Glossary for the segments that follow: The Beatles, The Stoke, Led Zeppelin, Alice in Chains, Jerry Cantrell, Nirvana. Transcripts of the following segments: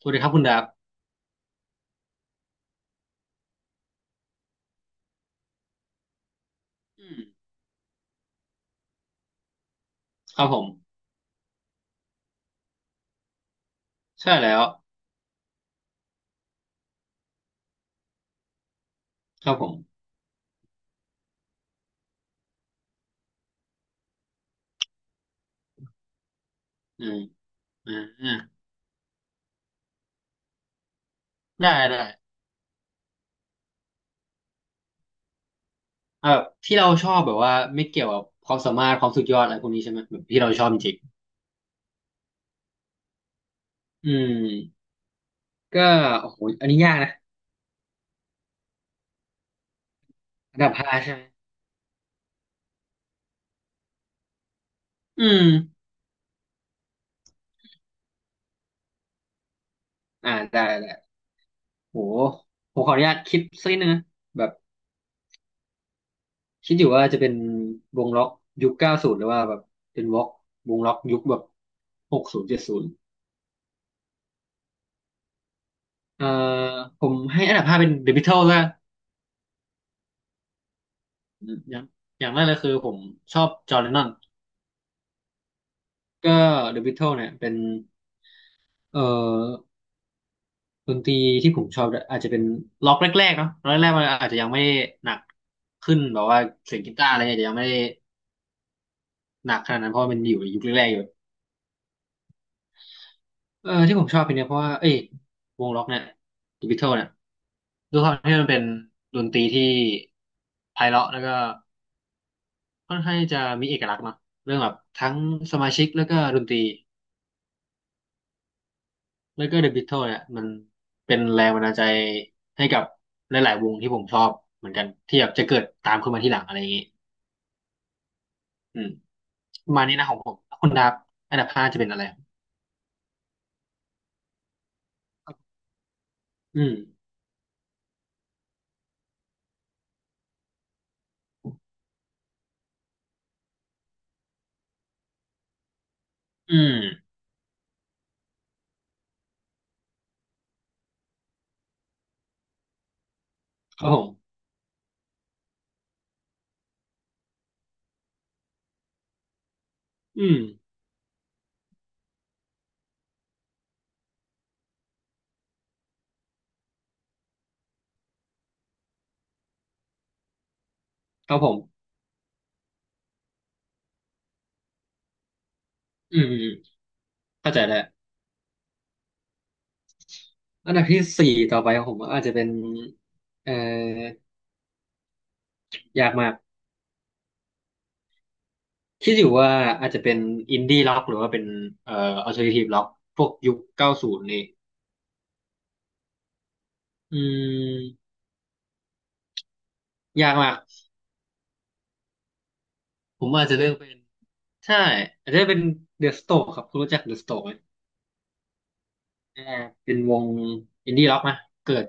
สวัสดีครับคุณดับอืมครับผมใช่แล้วครับผมอืมอ่าได้ได้เออที่เราชอบแบบว่าไม่เกี่ยวกับความสามารถความสุดยอดอะไรพวกนี้ใช่ไหมแบบที่เราชอบจริงๆอืมก็โอ้โหอันนี้ยากนะอันดับห้าใช่ไหมอืมอ่าได้ได้โหผมขออนุญาตคิดสักนิดนึงนะแบบคิดอยู่ว่าจะเป็นวงล็อกยุคเก้าศูนย์หรือว่าแบบเป็นวงล็อกวงล็อกยุคแบบหกศูนย์เจ็ดศูนย์เอ่อผมให้อันดับห้าเป็น The Beatles ละ อมอย่างอย่างแรกเลยคือผมชอบจอห์นเลนนอนก็เดอะบิทเทิลเนี่ยเป็นเอ่อดนตรีที่ผมชอบด้วยอาจจะเป็นล็อกแรกๆเนาะล็อกแรกๆมันอาจจะยังไม่หนักขึ้นแบบว่าเสียงกีตาร์อะไรเงี้ยอาจจะยังไม่ได้หนักขนาดนั้นเพราะว่ามันอยู่ในยุคแรกๆอยู่เออที่ผมชอบเพลงเนี้ยเพราะว่าเอ้ยวงล็อกเนี่ยเดอะบิทเทิลเนี่ยด้วยความที่มันเป็นดนตรีที่ไพเราะแล้วก็ค่อนข้างที่จะมีเอกลักษณ์เนาะเรื่องแบบทั้งสมาชิกแล้วก็ดนตรี แล้วก็เด e ะบิท l ทิเนี่ยมันเป็นแรงบันดาลใจให้กับหลายๆวงที่ผมชอบเหมือนกันที่แบบจะเกิดตามขึ้นมาทีหลังอะไรอย่างงี้อืมประมาณนี้นะของผม้คุณดับอันดับห้าจะเป็นอะไรอืมอืมครับผมอืมครับผมอืมอืมอืมเข้าใจแล้วอันดับที่สี่ต่อไปของผมอาจจะเป็นเอ่ยากมากคิดอยู่ว่าอาจจะเป็นอินดี้ล็อกหรือว่าเป็นเอ่ออัลเทอร์เนทีฟล็อกพวกยุคเก้าศูนย์นี่อืมยากมากผมอาจจะเลือกเป็น ใช่อาจจะเป็นเดอะสโตกครับคุณรู้จักเดอะสโตกไหมอ่าเป็นวงอินดี้ร็อกนะเกิด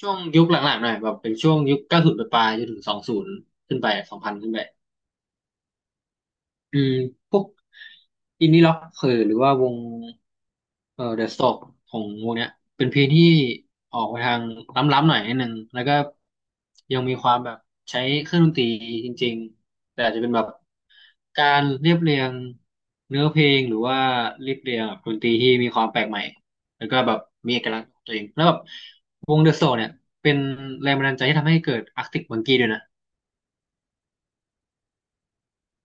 ช่วงยุคหลังๆหน่อยแบบเป็นช่วงยุคเก้าศูนย์ปลายๆจนถึงสองศูนย์ขึ้นไปสองพันขึ้นไป อืมพวกอินดี้ร็อกเออหรือว่าวงเออเดอะสโตกของวงเนี้ยเป็นเพลงที่ออกไปทางล้ำๆหน่อยนิดนึงแล้วก็ยังมีความแบบใช้เครื่องดนตรีจริงๆแต่อาจจะเป็นแบบการเรียบเรียงเนื้อเพลงหรือว่าเรียบเรียงแบบดนตรีที่มีความแปลกใหม่แล้วก็แบบมีเอกลักษณ์ของตัวเองแล้วแบบวงเดอะสโตกเนี่ยเป็นแรงบันดาลใจที่ทำให้เกิดอาร์ติกมังกี้ด้วยนะ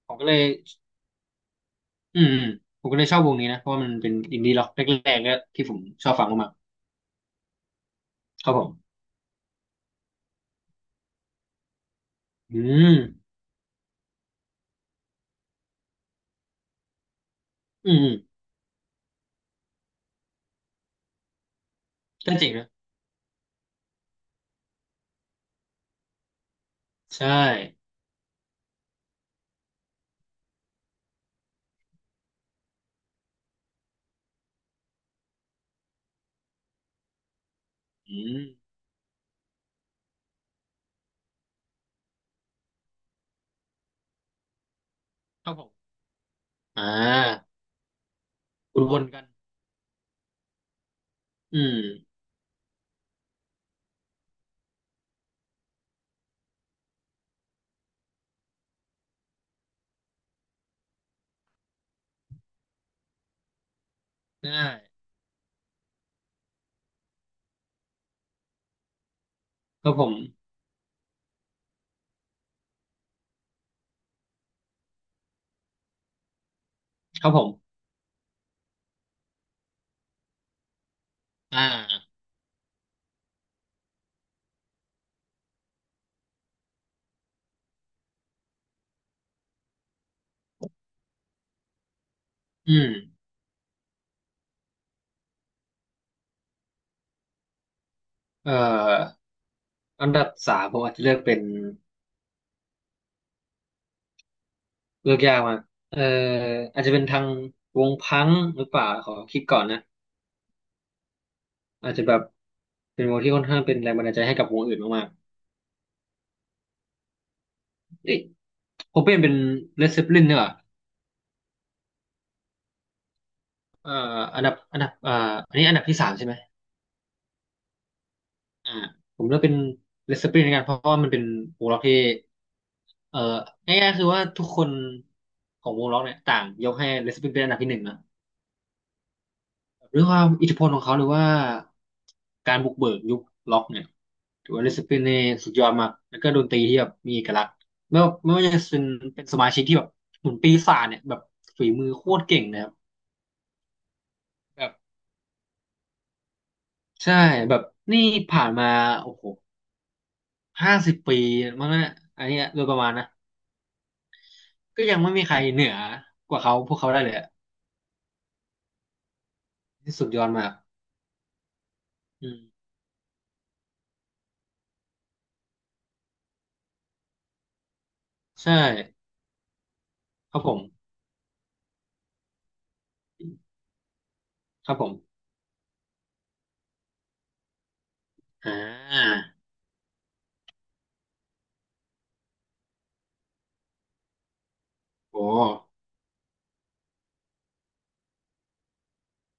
ผมก็เลย อืมอืมผมก็เลยชอบวงนี้นะเพราะว่ามันเป็นอินดี้ร็อกแรกๆก็ที่ผมชอบฟังมากๆครับผมอืมอืมอืมก็เจ๋งนะใช่อืมครับผมอ่าวนๆกันอืมได้ครับผมครับผมอ่าอืมเอ่ออันดับสามผมอาจจะเลือกเป็นเลือกยากมากเอ่ออาจจะเป็นทางวงพังหรือเปล่าขอคิดก่อนนะอาจจะแบบเป็นวงที่ค่อนข้างเป็นแรงบันดาลใจให้กับวงอื่นมากๆ เอ้ยโคเปนเป็นเลดเซปลินเนี่ยเหรอเอ่ออันดับอันดับอ่าอันนี้อันดับที่สามใช่ไหมอ่าผมเลือกเป็นเลดเซปลินกันเพราะว่ามันเป็นวงล็อกที่เอ่อง่ายๆคือว่าทุกคนของวงล็อกเนี่ยต่างยกให้เลดเซปลินเป็นอันดับที่หนึ่งนะด้วยความอิทธิพลของเขาหรือว่าการบุกเบิกยุคล็อกเนี่ยถือว่าเลดเซปลินเนี่ยสุดยอดมากแล้วก็ดนตรีที่แบบมีเอกลักษณ์ไม่ว่าจะเป็นเป็นสมาชิกที่แบบเหมือนปีศาจเนี่ยแบบฝีมือโคตรเก่งนะครับแบบ ใช่แบบนี่ผ่านมาโอ้โหห้าสิบปีมั้งนะอันเนี้ยโดยประมาณนะก็ยังไม่มีใครเหนือกว่าเขาพวกเขาได้เลยอะที่สุดยอดมากอืมใช่ครับผมครับผมอ่าโอ้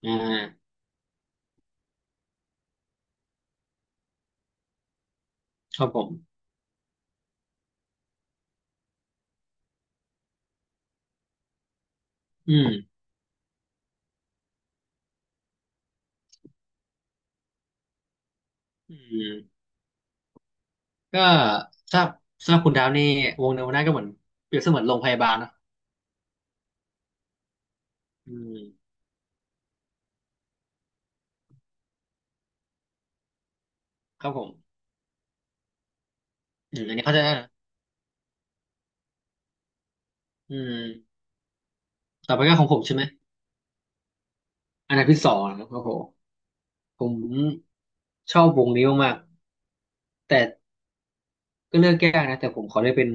อ่าครับผมอืมอืมก็ถ้าสำหรับคุณดาวนี่วงเนวนาก็เหมือนเปรียบเสมือนโรงพยาบาลเนอะอืมครับผมอืมอันนี้เข้าใจได้นะอืมต่อไปก็ของผมใช่ไหมอันดับที่สองนะครับผม ผมชอบวงนี้มากๆแต่ก็เลือกยากนะ แต่ผมขอได้เป็น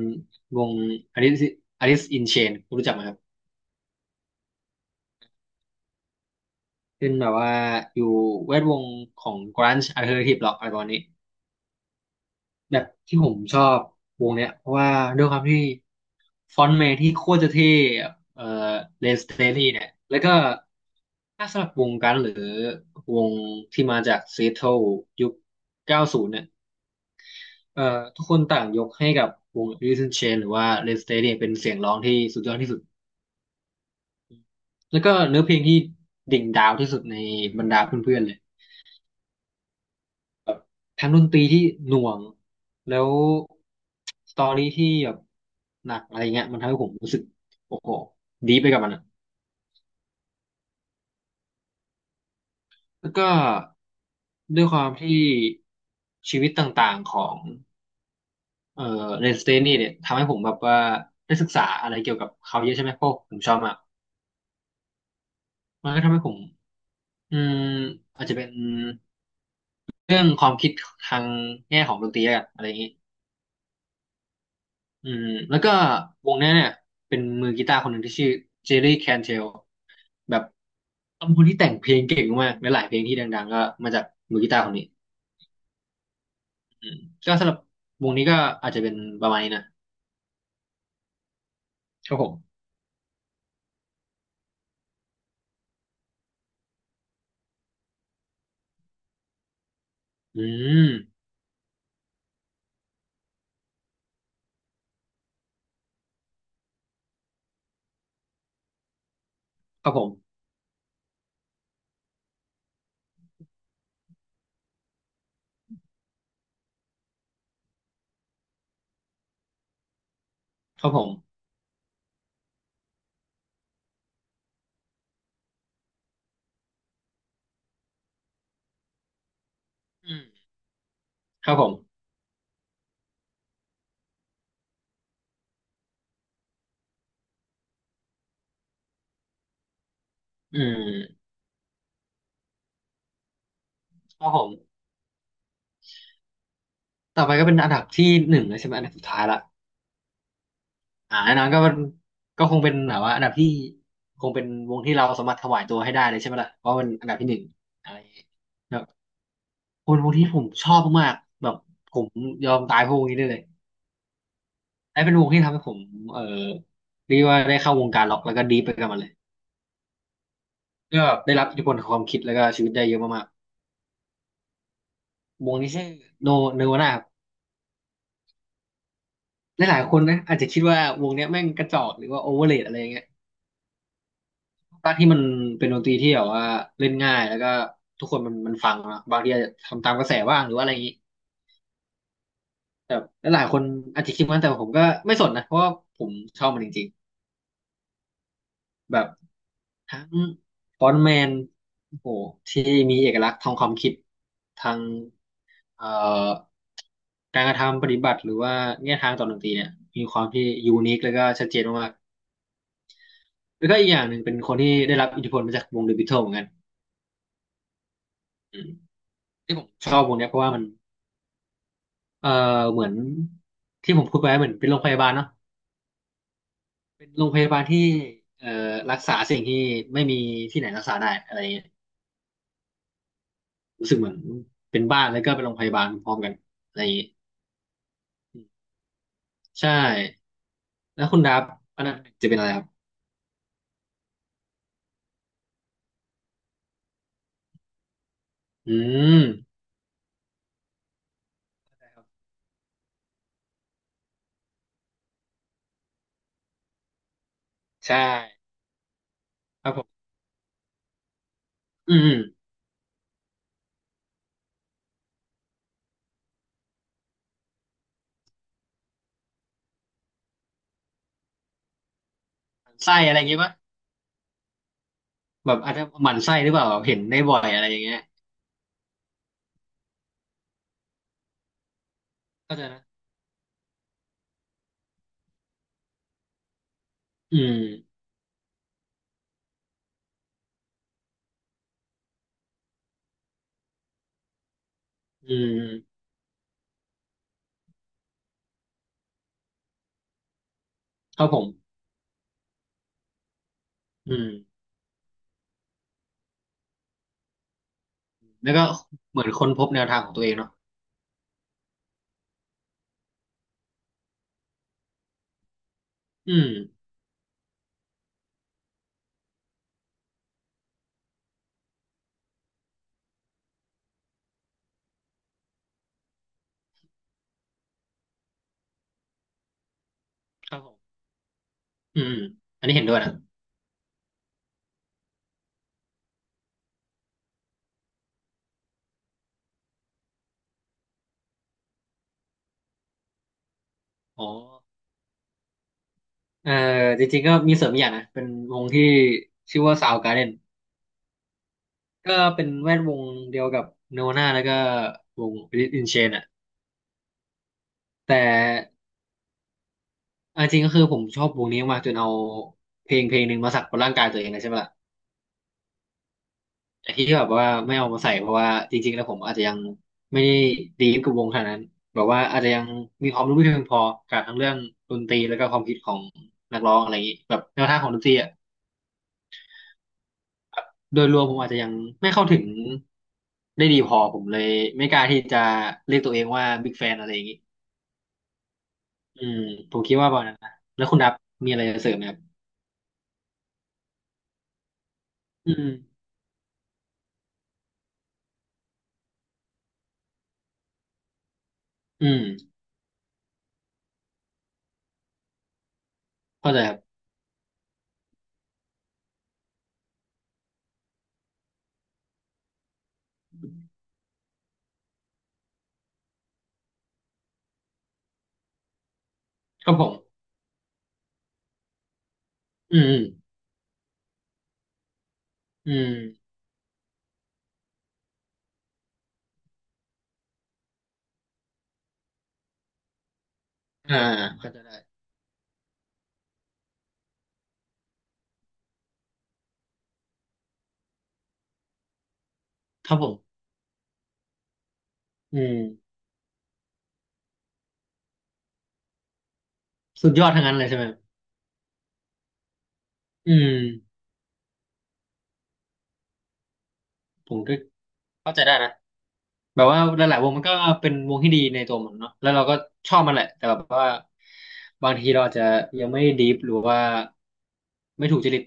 วง Alice Alice in Chains คุณรู้จักไหมครับเป็นแบบว่าอยู่แวดวงของ grunge alternative rock อะไรประมาณนี้ แบบที่ผมชอบวงเนี้ยเพราะว่าด้วยความที่ฟอนต์แมนที่โคตรจะเท่เอ่อเลนสเตอรี่เนี่ยแล้วก็ถ้าสำหรับวงกันหรือวงที่มาจากซีแอตเทิลยุค90เนี่ย เอ่อทุกคนต่างยกให้กับวง Alice in Chains หรือว่า Red State เนี่ยเป็นเสียงร้องที่สุดยอดที่สุดแล้วก็เนื้อเพลงที่ดิ่งดาวที่สุดในบรรดาเพื่อนๆเลยทั้งดนตรีที่หน่วงแล้วสตอรี่ที่แบบหนักอะไรเงี้ยมันทำให้ผมรู้สึกโอ้โหดีไปกับมันอะแล้วก็ด้วยความที่ชีวิตต่างๆของเอ่อ Red State เตนนี่เนี่ยทำให้ผมแบบว่าได้ศึกษาอะไรเกี่ยวกับเขาเยอะใช่ไหมเพราะผมชอบมากมันก็ทำให้ผม อืมอาจจะเป็นเรื่องความคิดทางแง่ของดนตรีแล้วกันอะไรอย่างนี้อืมแล้วก็วงเนี้ยเนี่ยเป็นมือกีตาร์คนหนึ่งที่ชื่อเจอร์รี่แคนเทลแบบเป็นคนที่แต่งเพลงเก่งมากและหลายเพลงที่ดังๆก็มาจากมือกีตาร์คนนี้ก็สำหรับวงนี้ก็อาจจะเป็นประมาณนี้นะครับผมอืมครับผมครับผมอืมครับผมอืมครับผมต่อไปก็เป็นอันดับที่หนึ่งแล้วใช่ไหมอันดับสุดท้ายละ อ่าแน่นอนก็ก็คงเป็นแบบว่าอันดับที่คงเป็นวงที่เราสามารถถวายตัวให้ได้เลยใช่ไหมล่ะเพราะมันอันดับที่หนึ่งอะไรอย่างเงี้ยแบบคนวงที่ผมชอบมากๆแบบผมยอมตายพวกวงนี้ได้เลยไอ้เป็นวงที่ทำให้ผมเออเรียกว่าได้เข้าวงการล็อกแล้วก็ดีไปกับมันเลยก็ได้รับอิทธิพลของความคิดแล้วก็ชีวิตได้เยอะมากๆวงนี้ชื่อโนเนวาน่าครับหลายๆคนนะอาจจะคิดว่าวงเนี้ยแม่งกระจอกหรือว่าโอเวอร์เรทอะไรอย่างเงี้ย ภาคที่มันเป็นดนตรีที่แบบว่าเล่นง่ายแล้วก็ทุกคนมันฟังเนอะบางทีอาจจะทำตามกระแสบ้างหรือว่าอะไรอย่างนี้แต่หลายๆคนอาจจะคิดว่าแต่ผมก็ไม่สนนะเพราะว่าผมชอบมันจริงๆแบบทั้งฟอนต์แมนโอ้โหที่มีเอกลักษณ์ทางความคิดทางเอ่อการกระทำปฏิบัติหรือว่าแนวทางต่อดนตรีเนี่ยมีความที่ยูนิคแล้วก็ชัดเจนมากๆแล้วก็อีกอย่างหนึ่งเป็นคนที่ได้รับอิทธิพลมาจากวงเดอะบิทเทิลเหมือนกันอืมที่ผมชอบวงเนี้ยเพราะว่ามัน เอ่อเหมือนที่ผมพูดไปเหมือนเป็นโรงพยาบาลเนาะเป็นโรงพยาบาลที่เอ่อรักษาสิ่งที่ไม่มีที่ไหนรักษาได้อะไรอย่างเงี้ยรู้สึกเหมือนเป็นบ้านแล้วก็เป็นโรงพยาบาลพร้อมกันอะไรอย่างเงี้ยอืมใช่แล้วคุณดับอันดับหนึ่งจะเป็นอะไรครับอืมใช่ครับผมอืมอืมหมั่นไส้อะไรอย่างเงี้ยปะแบบอาจจะหมั่นไส้หรือเปล่าเห็นได้บ่อยอะไรอย่างเงี้ยเข้าใจนะอืมอืมครับผมอืมแล้วก็เหมือนค้นพบแนวทางของตัวเองเนาะอืมครับผม อืมอันนี้เห็นด้วยนะอ๋อเออจริงๆก็มีเสริมอกอย่างนะเป็นวงที่ชื่อว่า o าวกา a r d e นก็เป็นแวดวงเดียวกับ n นวานาแล้วก็วงอินเชนอะแต่เอาจริงก็คือผมชอบวงนี้มากจนเอาเพลงเพลงหนึ่งมาสักบนร่างกายตัวเองเลยใช่ไหมล่ะแต่ที่แบบว่าไม่เอามาใส่เพราะว่าจริงๆแล้วผมอาจจะยังไม่ได้ดีฟกับวงขนาดนั้นแบบว่าอาจจะยังมีความรู้ไม่เพียงพอกับทั้งเรื่องดนตรีแล้วก็ความคิดของนักร้องอะไรอย่างนี้แบบแนวทางของดนตรีอะ โดยรวมผมอาจจะยังไม่เข้าถึงได้ดีพอผมเลยไม่กล้าที่จะเรียกตัวเองว่าบิ๊กแฟนอะไรอย่างนี้อืมผมคิดว่าประมาณนั้นนะแล้วคุณดับมีอะไรจะเสริมไหมครับอืมอืมเข้าใจครับครับผมอืมอืมอ่าเข้าใจได้ครับผมอืมสุดยอดทั้งนั้นเลยใช่ไหมครับอืมผมก็เข้าใจได้นะ แบบว่าหลายๆวงมันก็เป็นวงที่ดีในตัวมันเนาะแล้วเราก็ชอบมันแหละแต่แบบว่าบางทีเราอาจจะยังไม่ดีฟหรือว่าไม่ถูกจริต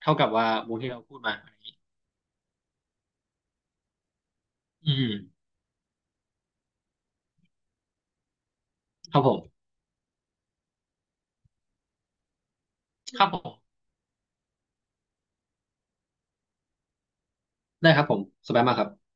เท่ากับว่าวงที่เราพูดมาอะไรอย่างนี้อืมครับผมครับผมได้ครับผมสบายมากครับ